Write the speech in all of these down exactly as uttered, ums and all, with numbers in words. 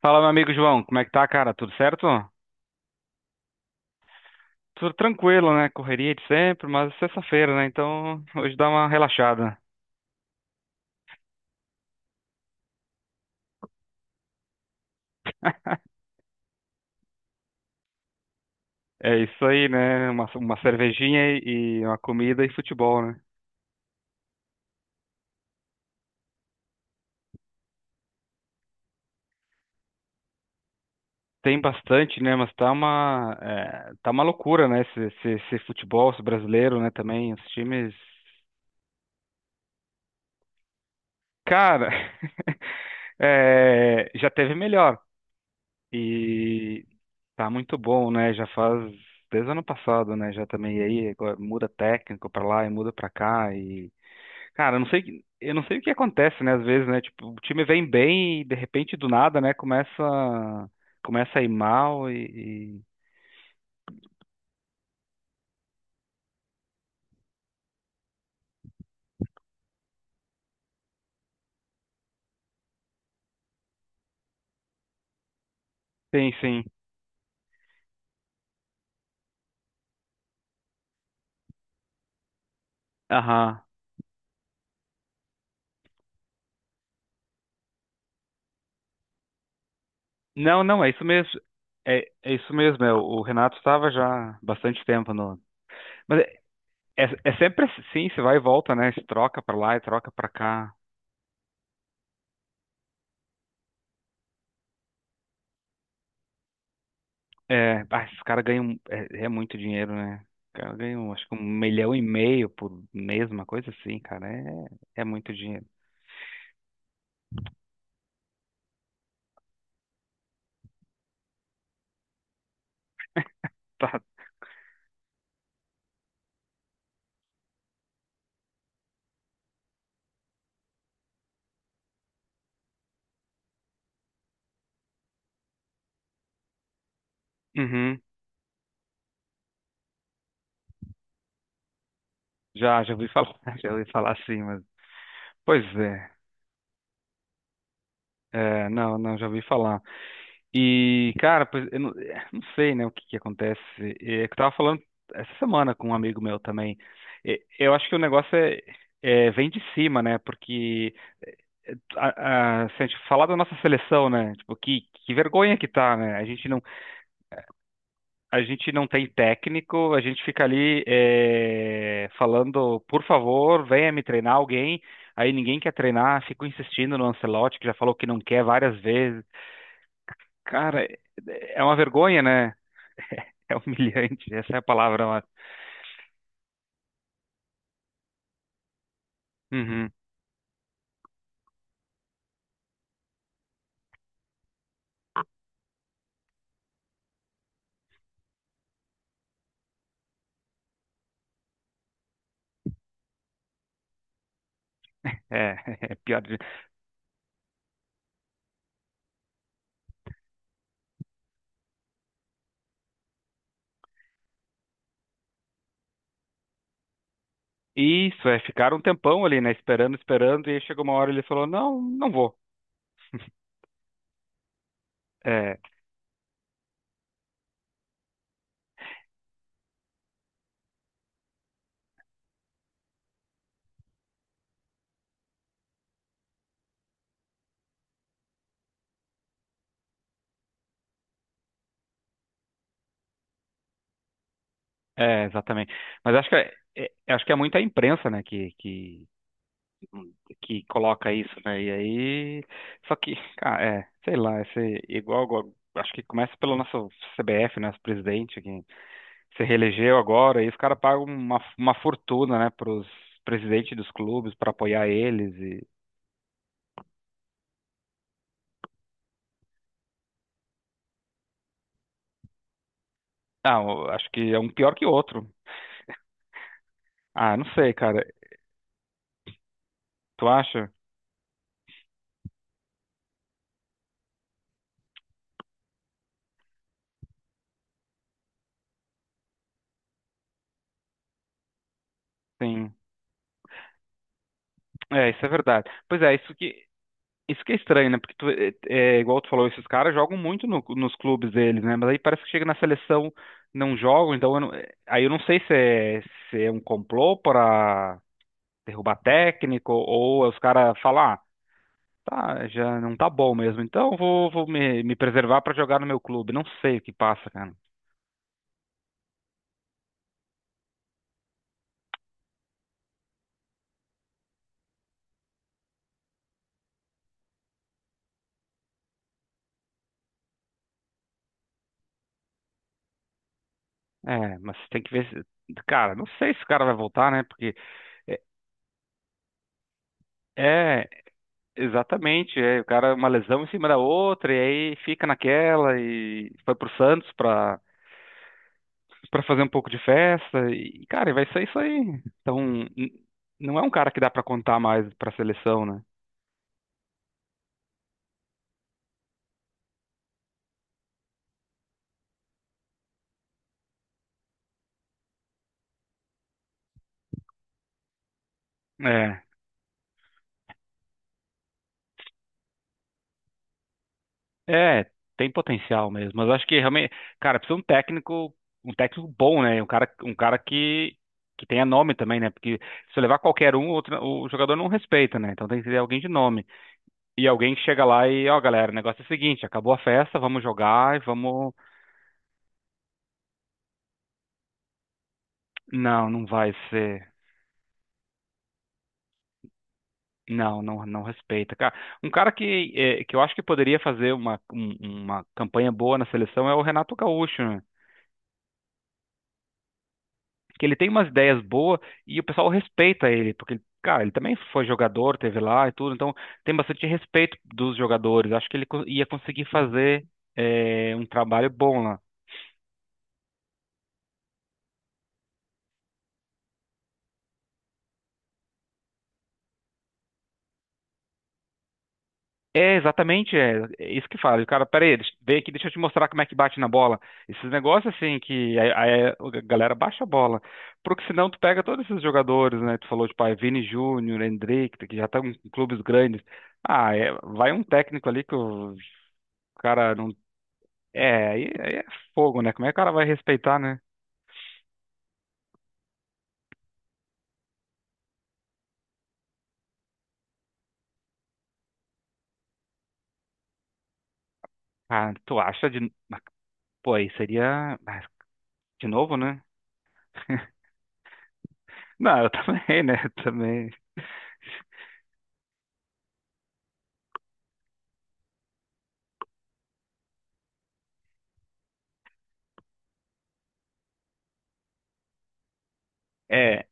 Fala, meu amigo João, como é que tá, cara? Tudo certo? Tudo tranquilo, né? Correria de sempre, mas é sexta-feira, né? Então, hoje dá uma relaxada. É isso aí, né? Uma, uma cervejinha e e uma comida e futebol, né? Tem bastante, né? Mas tá uma, é, tá uma loucura, né? Esse, esse, esse futebol esse brasileiro, né? Também, os times. Cara, é, já teve melhor. E Tá muito bom, né? Já faz desde o ano passado, né? Já também e aí agora muda técnico pra lá e muda pra cá e cara, eu não sei, que- eu não sei o que acontece, né? Às vezes, né? Tipo, o time vem bem e de repente do nada, né? Começa, começa a ir mal e, e... Sim, sim. Aham. Não, não, é isso mesmo. É, é isso mesmo. É, o Renato estava já há bastante tempo no. Mas é, é, é sempre assim, você vai e volta, né? Se troca pra lá e troca pra cá. É, ah, esses caras ganham é, é muito dinheiro, né? Os caras ganham, acho que um milhão e meio por mês, uma coisa assim, cara. É, é muito dinheiro. Tá. Uhum. Já, já ouvi falar, já ouvi falar sim, mas. Pois é. É, não, não, já ouvi falar. E, cara, pois, eu não, é, não sei, né, o que que acontece. É, é que eu tava falando essa semana com um amigo meu também. É, eu acho que o negócio é, é, vem de cima, né? Porque a, a- se a gente falar da nossa seleção, né? Tipo, que, que vergonha que tá, né? A gente não, a gente não tem técnico, a gente fica ali é, falando, por favor, venha me treinar alguém. Aí ninguém quer treinar, fico insistindo no Ancelotti, que já falou que não quer várias vezes. Cara, é é uma vergonha, né? É humilhante, essa é a palavra, mano. Uhum, é, é pior. de- Isso, é, ficaram um tempão ali, né? Esperando, esperando, e aí chegou uma hora e ele falou: Não, não vou. É, É, exatamente. Mas acho que é, é- acho que é muita imprensa, né, que, que, que coloca isso, né? E aí, só que, cara, é, sei lá, esse, igual, agora- acho que começa pelo nosso C B F, nosso presidente, que se reelegeu agora, e os caras pagam uma, uma fortuna, né, pros presidentes dos clubes para apoiar eles e ah, eu acho que é um pior que outro. Ah, não sei, cara. Tu acha? Sim. É, isso é verdade. Pois é, isso que Isso que é estranho, né? Porque tu- é, é, é igual tu falou, esses caras jogam muito no- nos clubes deles, né? Mas aí parece que chega na seleção, não jogam, então eu não- é, aí eu não sei se é, se é um complô para derrubar técnico ou os caras falar, ah, tá, já não tá bom mesmo, então vou, vou me, me preservar para jogar no meu clube. Não sei o que passa, cara. É, mas tem que ver se, cara, não sei se o cara vai voltar, né? Porque é, é Exatamente, é, o cara uma lesão em cima da outra e aí fica naquela e foi pro Santos pra, pra fazer um pouco de festa e cara, e vai ser isso aí. Então, n- não é um cara que dá pra contar mais pra seleção, né? É, é, tem potencial mesmo, mas eu acho que realmente, cara, precisa um técnico, um técnico bom, né? Um cara, um cara que que tenha nome também, né? Porque se eu levar qualquer um, outro, o jogador não respeita, né? Então tem que ter alguém de nome. E alguém chega lá e, ó, galera, o negócio é o seguinte, acabou a festa, vamos jogar e vamos. Não, não vai ser. Não, não, não respeita. Cara, um cara que, eh, que eu acho que poderia fazer uma, um- uma campanha boa na seleção é o Renato Gaúcho, né? Que ele tem umas ideias boas e o pessoal respeita ele, porque, cara, ele também foi jogador, teve lá e tudo, então tem bastante respeito dos jogadores. Acho que ele co- ia conseguir fazer, eh, um trabalho bom lá. É, exatamente, é, é isso que fala. O cara, pera aí, deixa- vem aqui, deixa eu te mostrar como é que bate na bola. Esses negócios assim que a, a- a galera baixa a bola. Porque senão tu pega todos esses jogadores, né? Tu falou, de pai Vini Júnior, Hendrick, que já estão em clubes grandes. Ah, é, vai um técnico ali que o cara não. É, aí, aí é fogo, né? Como é que o cara vai respeitar, né? Ah, tu acha de. Mas, pô, aí seria. Mas, de novo, né? Não, eu também, né? Também. É,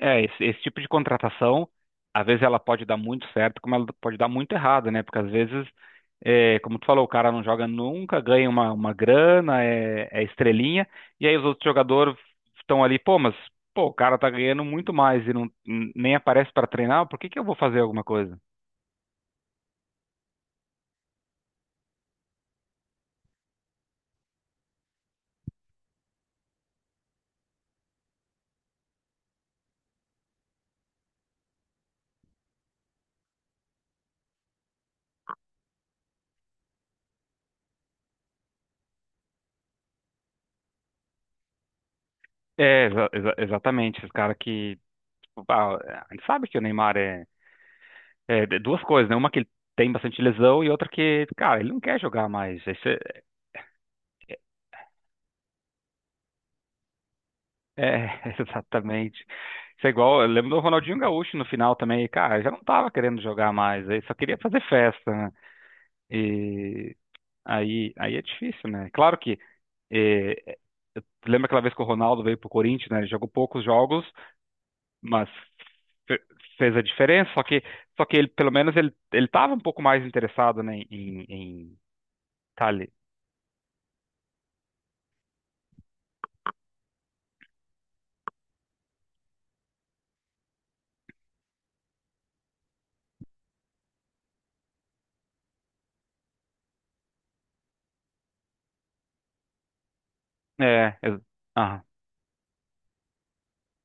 É, esse, esse tipo de contratação, às vezes ela pode dar muito certo, como ela pode dar muito errado, né? Porque às vezes, é, como tu falou, o cara não joga nunca, ganha uma, uma grana, é, é estrelinha, e aí os outros jogadores estão ali, pô, mas pô, o cara tá ganhando muito mais e não, n- nem aparece para treinar, por que que eu vou fazer alguma coisa? É, exa- exa- exatamente, esse cara que, tipo, ah, a gente sabe que o Neymar é, é de- duas coisas, né? Uma que ele tem bastante lesão e outra que, cara, ele não quer jogar mais. É, exatamente. Isso é igual, eu lembro do Ronaldinho Gaúcho no final também, cara, já não tava querendo jogar mais, aí só queria fazer festa, né? E aí, aí é difícil, né? Claro que eh, eu lembro aquela vez que o Ronaldo veio pro Corinthians, né? Ele jogou poucos jogos, mas fe- fez a diferença, só que só que ele pelo menos ele ele tava um pouco mais interessado, né, em em tá ali. É, ex-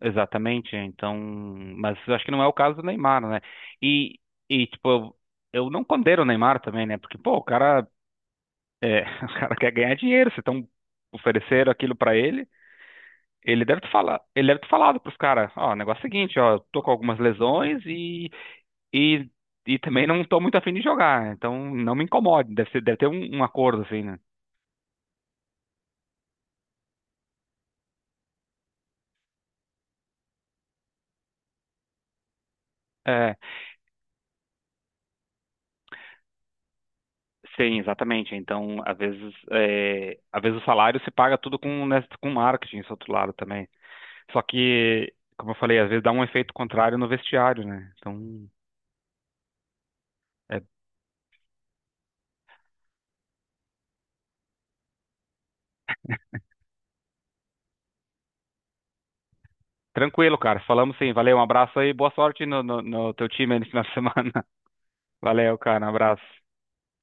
Exatamente, então, mas eu acho que não é o caso do Neymar, né? E, e tipo, eu, eu não condeno o Neymar também, né? Porque, pô, o cara, é, o cara quer ganhar dinheiro, se estão ofereceram aquilo pra ele, ele deve ter falar, ele deve ter falado pros caras, ó, o negócio é o seguinte, ó, tô com algumas lesões e, e, e também não tô muito afim de jogar, então não me incomode, deve ser, deve ter um, um acordo assim, né? É, sim, exatamente. Então, às vezes, é, às vezes o salário se paga tudo com, né, com marketing, esse outro lado também. Só que, como eu falei, às vezes dá um efeito contrário no vestiário, né? Então, é tranquilo, cara. Falamos sim. Valeu, um abraço aí. Boa sorte no, no, no teu time aí no final de semana. Valeu, cara. Um abraço.